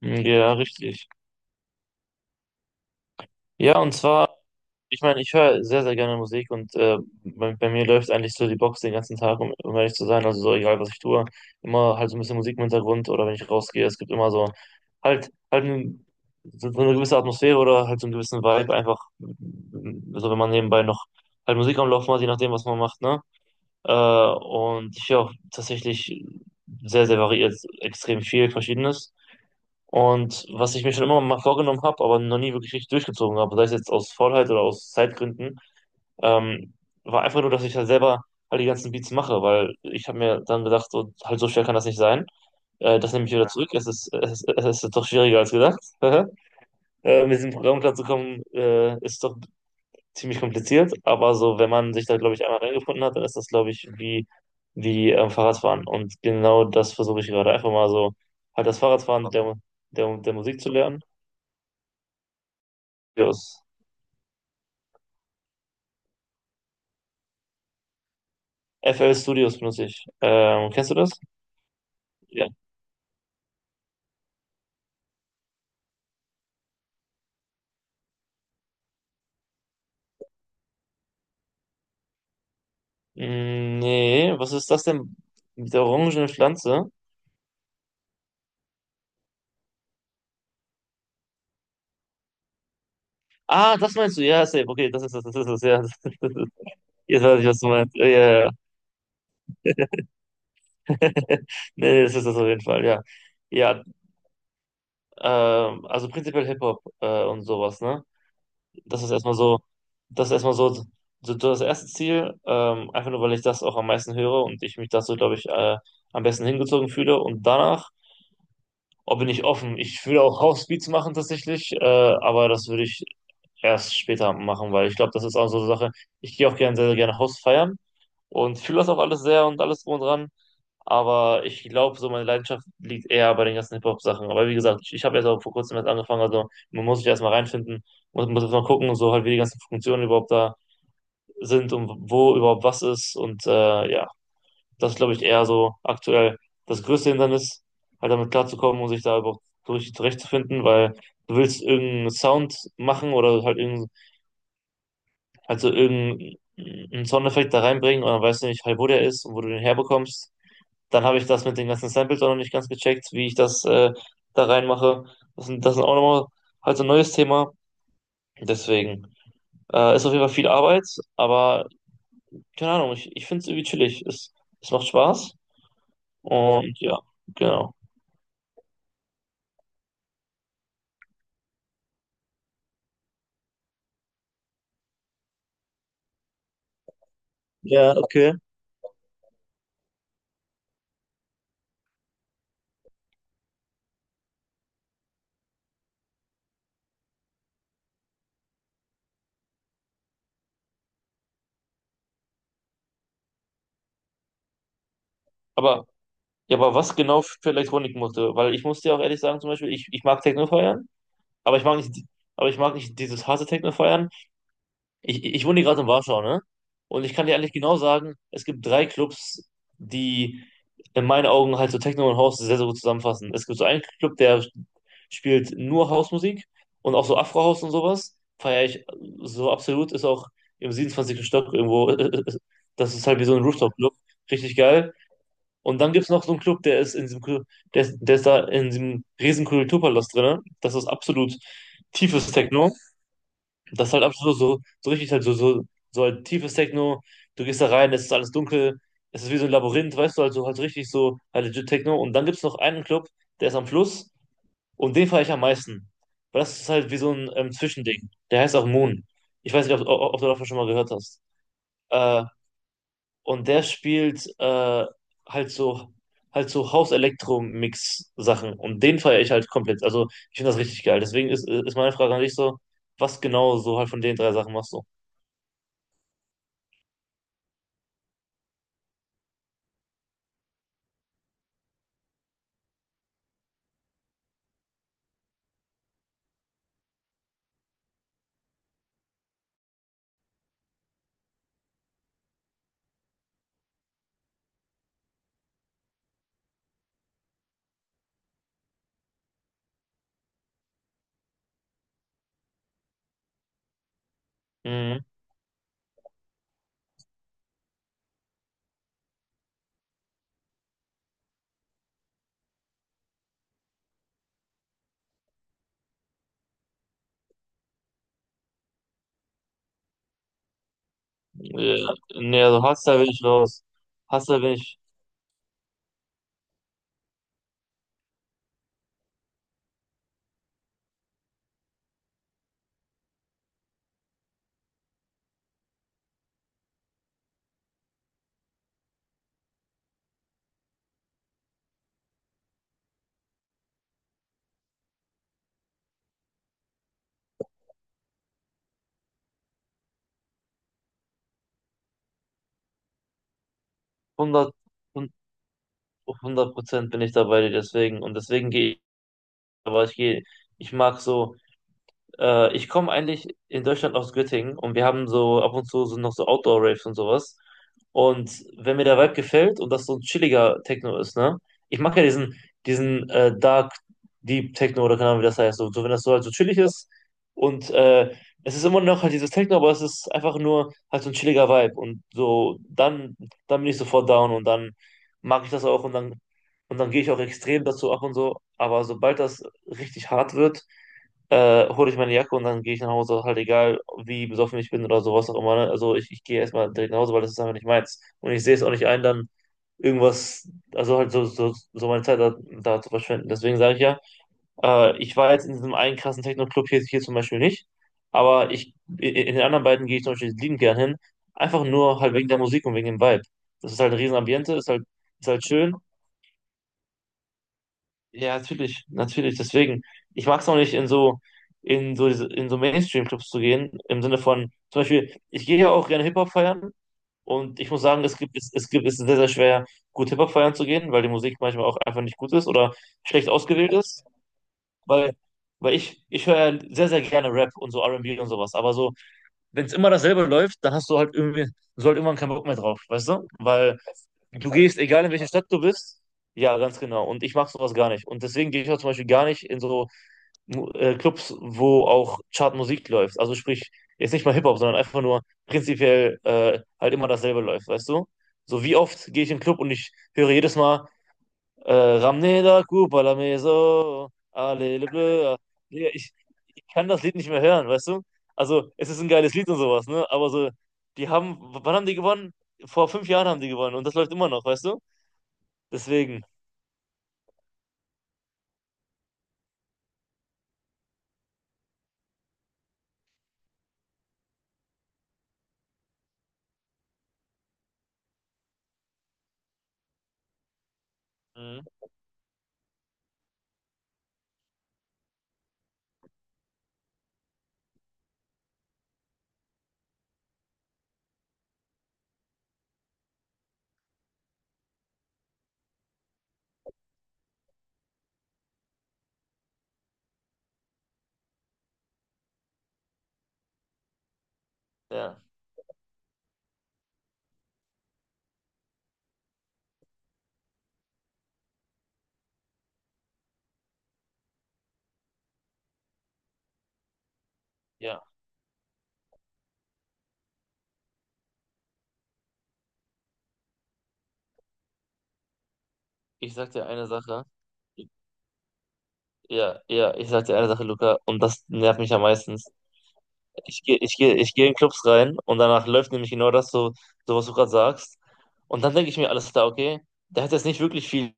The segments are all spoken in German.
Ja, richtig. Ja, und zwar, ich meine, ich höre sehr, sehr gerne Musik und bei mir läuft eigentlich so die Box den ganzen Tag, um ehrlich zu sein. Also so egal, was ich tue, immer halt so ein bisschen Musik im Hintergrund oder wenn ich rausgehe, es gibt immer so halt, halt ein, so so eine gewisse Atmosphäre oder halt so einen gewissen Vibe, einfach so, wenn man nebenbei noch halt Musik am Laufen hat, je nachdem, was man macht, ne? Und ich höre auch tatsächlich sehr, sehr variiert, extrem viel Verschiedenes. Und was ich mir schon immer mal vorgenommen habe, aber noch nie wirklich richtig durchgezogen habe, sei es jetzt aus Faulheit oder aus Zeitgründen, ähm, war einfach nur, dass ich halt selber halt die ganzen Beats mache, weil ich habe mir dann gedacht, so, halt so schwer kann das nicht sein. Das nehme ich wieder Ja. zurück. Es ist doch schwieriger als gedacht. Mit diesem Programm klarzukommen, ist doch ziemlich kompliziert. Aber so, wenn man sich da, glaube ich, einmal reingefunden hat, dann ist das, glaube ich, wie Fahrradfahren. Und genau das versuche ich gerade. Einfach mal so, halt das Fahrradfahren der Musik zu lernen Studios. FL Studios benutze ich. Kennst du das? Ja. Nee, was ist das denn? Mit der orangenen Pflanze? Ah, das meinst du? Ja, safe. Okay, das ist das, ja. Das ist, das ist. Jetzt weiß ich, was du meinst. Ja, ja, ja. Nee, nee, das ist das auf jeden Fall, ja. Ja, also prinzipiell Hip-Hop und sowas, ne? Das ist erstmal so, das ist erstmal so, so das erste Ziel, einfach nur, weil ich das auch am meisten höre und ich mich dazu, glaube ich, am besten hingezogen fühle. Und danach Oh, bin ich offen. Ich würde auch Housebeats machen tatsächlich, aber das würde ich erst später machen, weil ich glaube, das ist auch so eine Sache. Ich gehe auch gerne sehr, sehr gerne House feiern und fühle das auch alles sehr und alles drum und dran. Aber ich glaube, so meine Leidenschaft liegt eher bei den ganzen Hip-Hop-Sachen. Aber wie gesagt, ich habe jetzt auch vor kurzem erst angefangen, also man muss sich erstmal reinfinden, muss erstmal gucken, so halt, wie die ganzen Funktionen überhaupt da sind und wo überhaupt was ist. Und ja. Das ist, glaube ich, eher so aktuell das größte Hindernis, halt damit klarzukommen und sich da überhaupt durch zurechtzufinden, weil du willst irgendeinen Sound machen oder halt irgendein, halt so irgendeinen Soundeffekt da reinbringen und dann weißt du nicht halt, wo der ist und wo du den herbekommst. Dann habe ich das mit den ganzen Samples auch noch nicht ganz gecheckt, wie ich das da reinmache. Das sind auch nochmal halt so ein neues Thema. Deswegen ist auf jeden Fall viel Arbeit, aber keine Ahnung, ich finde es irgendwie chillig. Es macht Spaß und ja, genau. Ja, okay. Aber, ja, aber was genau für Elektronik musste? Weil ich muss dir auch ehrlich sagen, zum Beispiel, ich mag Techno feiern, aber ich mag nicht, die- aber ich mag nicht dieses harte Techno feiern. Ich wohne hier gerade in Warschau, ne? Und ich kann dir ehrlich genau sagen, es gibt drei Clubs, die in meinen Augen halt so Techno und House sehr, sehr gut zusammenfassen. Es gibt so einen Club, der spielt nur Housemusik und auch so Afro-House und sowas. Feiere ich so absolut, ist auch im siebenundzwanzigsten Stock irgendwo. Das ist halt wie so ein Rooftop-Club. Richtig geil. Und dann gibt es noch so einen Club, der ist da in diesem riesen Kulturpalast drin. Das ist absolut tiefes Techno. Das ist halt absolut so richtig halt so halt tiefes Techno. Du gehst da rein, es ist alles dunkel, es ist wie so ein Labyrinth, weißt du, also halt so richtig so halt legit Techno. Und dann gibt es noch einen Club, der ist am Fluss und den fahre ich am meisten. Weil das ist halt wie so ein Zwischending. Der heißt auch Moon. Ich weiß nicht, ob du davon schon mal gehört hast. Äh, und der spielt halt so halt so House-Elektro-Mix-Sachen. Und den feiere ich halt komplett. Also ich finde das richtig geil. Deswegen ist meine Frage an dich so, was genau so halt von den drei Sachen machst du? Mhm. Ja, nee, also Hardstyle bin ich raus. Hardstyle bin ich hundert hundert Prozent bin ich dabei, deswegen. Und deswegen gehe ich, aber ich gehe, ich mag so. Ich komme eigentlich in Deutschland aus Göttingen und wir haben so ab und zu so noch so Outdoor-Raves und sowas. Und wenn mir der Vibe gefällt und das so ein chilliger Techno ist, ne? Ich mag ja diesen Dark Deep Techno oder keine Ahnung, wie das heißt. So, so wenn das so halt so chillig ist und es ist immer noch halt dieses Techno, aber es ist einfach nur halt so ein chilliger Vibe und so dann dann bin ich sofort down und dann mag ich das auch und dann gehe ich auch extrem dazu ab und so. Aber sobald das richtig hart wird hole ich meine Jacke und dann gehe ich nach Hause, halt egal, wie besoffen ich bin oder sowas auch immer. Ne? Also ich gehe erstmal direkt nach Hause, weil das ist einfach nicht meins. Und ich sehe es auch nicht ein, dann irgendwas, also halt so meine Zeit da, da zu verschwenden. Deswegen sage ich ja, ich war jetzt in diesem einen krassen Techno-Club hier, hier zum Beispiel nicht, aber ich, in den anderen beiden gehe ich zum Beispiel liebend gern hin, einfach nur halt wegen der Musik und wegen dem Vibe. Das ist halt ein riesen Ambiente, ist halt schön ja, natürlich, natürlich. Deswegen, ich mag es auch nicht, in so Mainstream-Clubs zu gehen, im Sinne von, zum Beispiel, ich gehe ja auch gerne Hip-Hop feiern und ich muss sagen, es ist sehr, sehr schwer, gut Hip-Hop feiern zu gehen, weil die Musik manchmal auch einfach nicht gut ist oder schlecht ausgewählt ist, weil, ich höre ja sehr, sehr gerne Rap und so R&B und B und sowas, aber so, wenn es immer dasselbe läuft, dann hast du halt irgendwie, so halt irgendwann keinen Bock mehr drauf, weißt du? Weil du gehst, egal in welche Stadt du bist, ja, ganz genau. Und ich mache sowas gar nicht. Und deswegen gehe ich auch zum Beispiel gar nicht in so Clubs, wo auch Chartmusik läuft. Also sprich, jetzt nicht mal Hip-Hop, sondern einfach nur prinzipiell halt immer dasselbe läuft, weißt du? So wie oft gehe ich in den Club und ich höre jedes Mal Ramneda Kupala Meso, Alele. Ja, Ich, ich kann das Lied nicht mehr hören, weißt du? Also es ist ein geiles Lied und sowas, ne? Aber so, die haben, wann haben die gewonnen? Vor fünf Jahren haben die gewonnen und das läuft immer noch, weißt du? Deswegen. Mhm. Ja, ja. Ich sag dir eine Sache. Ja, ja, ich sag dir eine Sache, Luca, und das nervt mich am meisten. Ich gehe in Clubs rein und danach läuft nämlich genau das so, so was du gerade sagst. Und dann denke ich mir, alles klar, okay, der hat jetzt nicht wirklich viel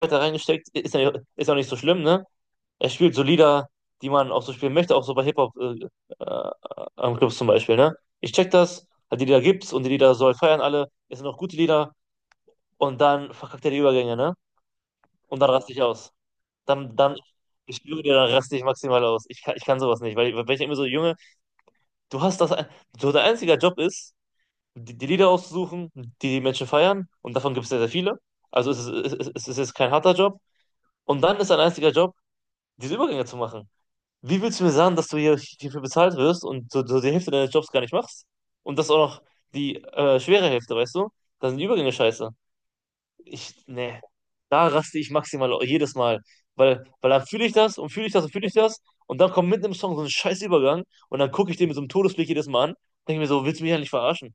weiter reingesteckt, ist ja auch nicht so schlimm, ne? Er spielt so Lieder, die man auch so spielen möchte, auch so bei Hip-Hop äh, am Clubs zum Beispiel, ne? Ich check das, die Lieder gibt's und die Lieder soll feiern alle, es sind auch gute Lieder und dann verkackt er die Übergänge, ne? Und dann raste ich aus. Dann, dann, ich schwöre dir, dann raste ich maximal aus. Ich kann sowas nicht, weil ich immer so, Junge, du hast das, ein- so dein einziger Job ist, die Lieder auszusuchen, die die Menschen feiern, und davon gibt es sehr, sehr viele. Also es ist jetzt kein harter Job. Und dann ist dein einziger Job, diese Übergänge zu machen. Wie willst du mir sagen, dass du hier hierfür bezahlt wirst und so, so die Hälfte deines Jobs gar nicht machst? Und das auch noch die schwere Hälfte, weißt du? Da sind die Übergänge scheiße. Ich, nee, da raste ich maximal jedes Mal, weil, weil dann fühle ich das und fühle ich das und fühle ich das und dann kommt mitten im Song so ein scheiß Übergang und dann gucke ich den mit so einem Todesblick jedes Mal an, denke mir so, willst du mich eigentlich verarschen?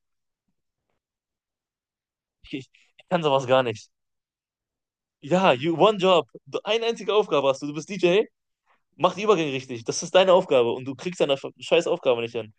Ich, ich, ich kann sowas gar nicht. Ja, you one job, Du- eine einzige Aufgabe hast du, du bist DJ, mach die Übergänge richtig, das ist deine Aufgabe und du kriegst deine scheiß Aufgabe nicht hin.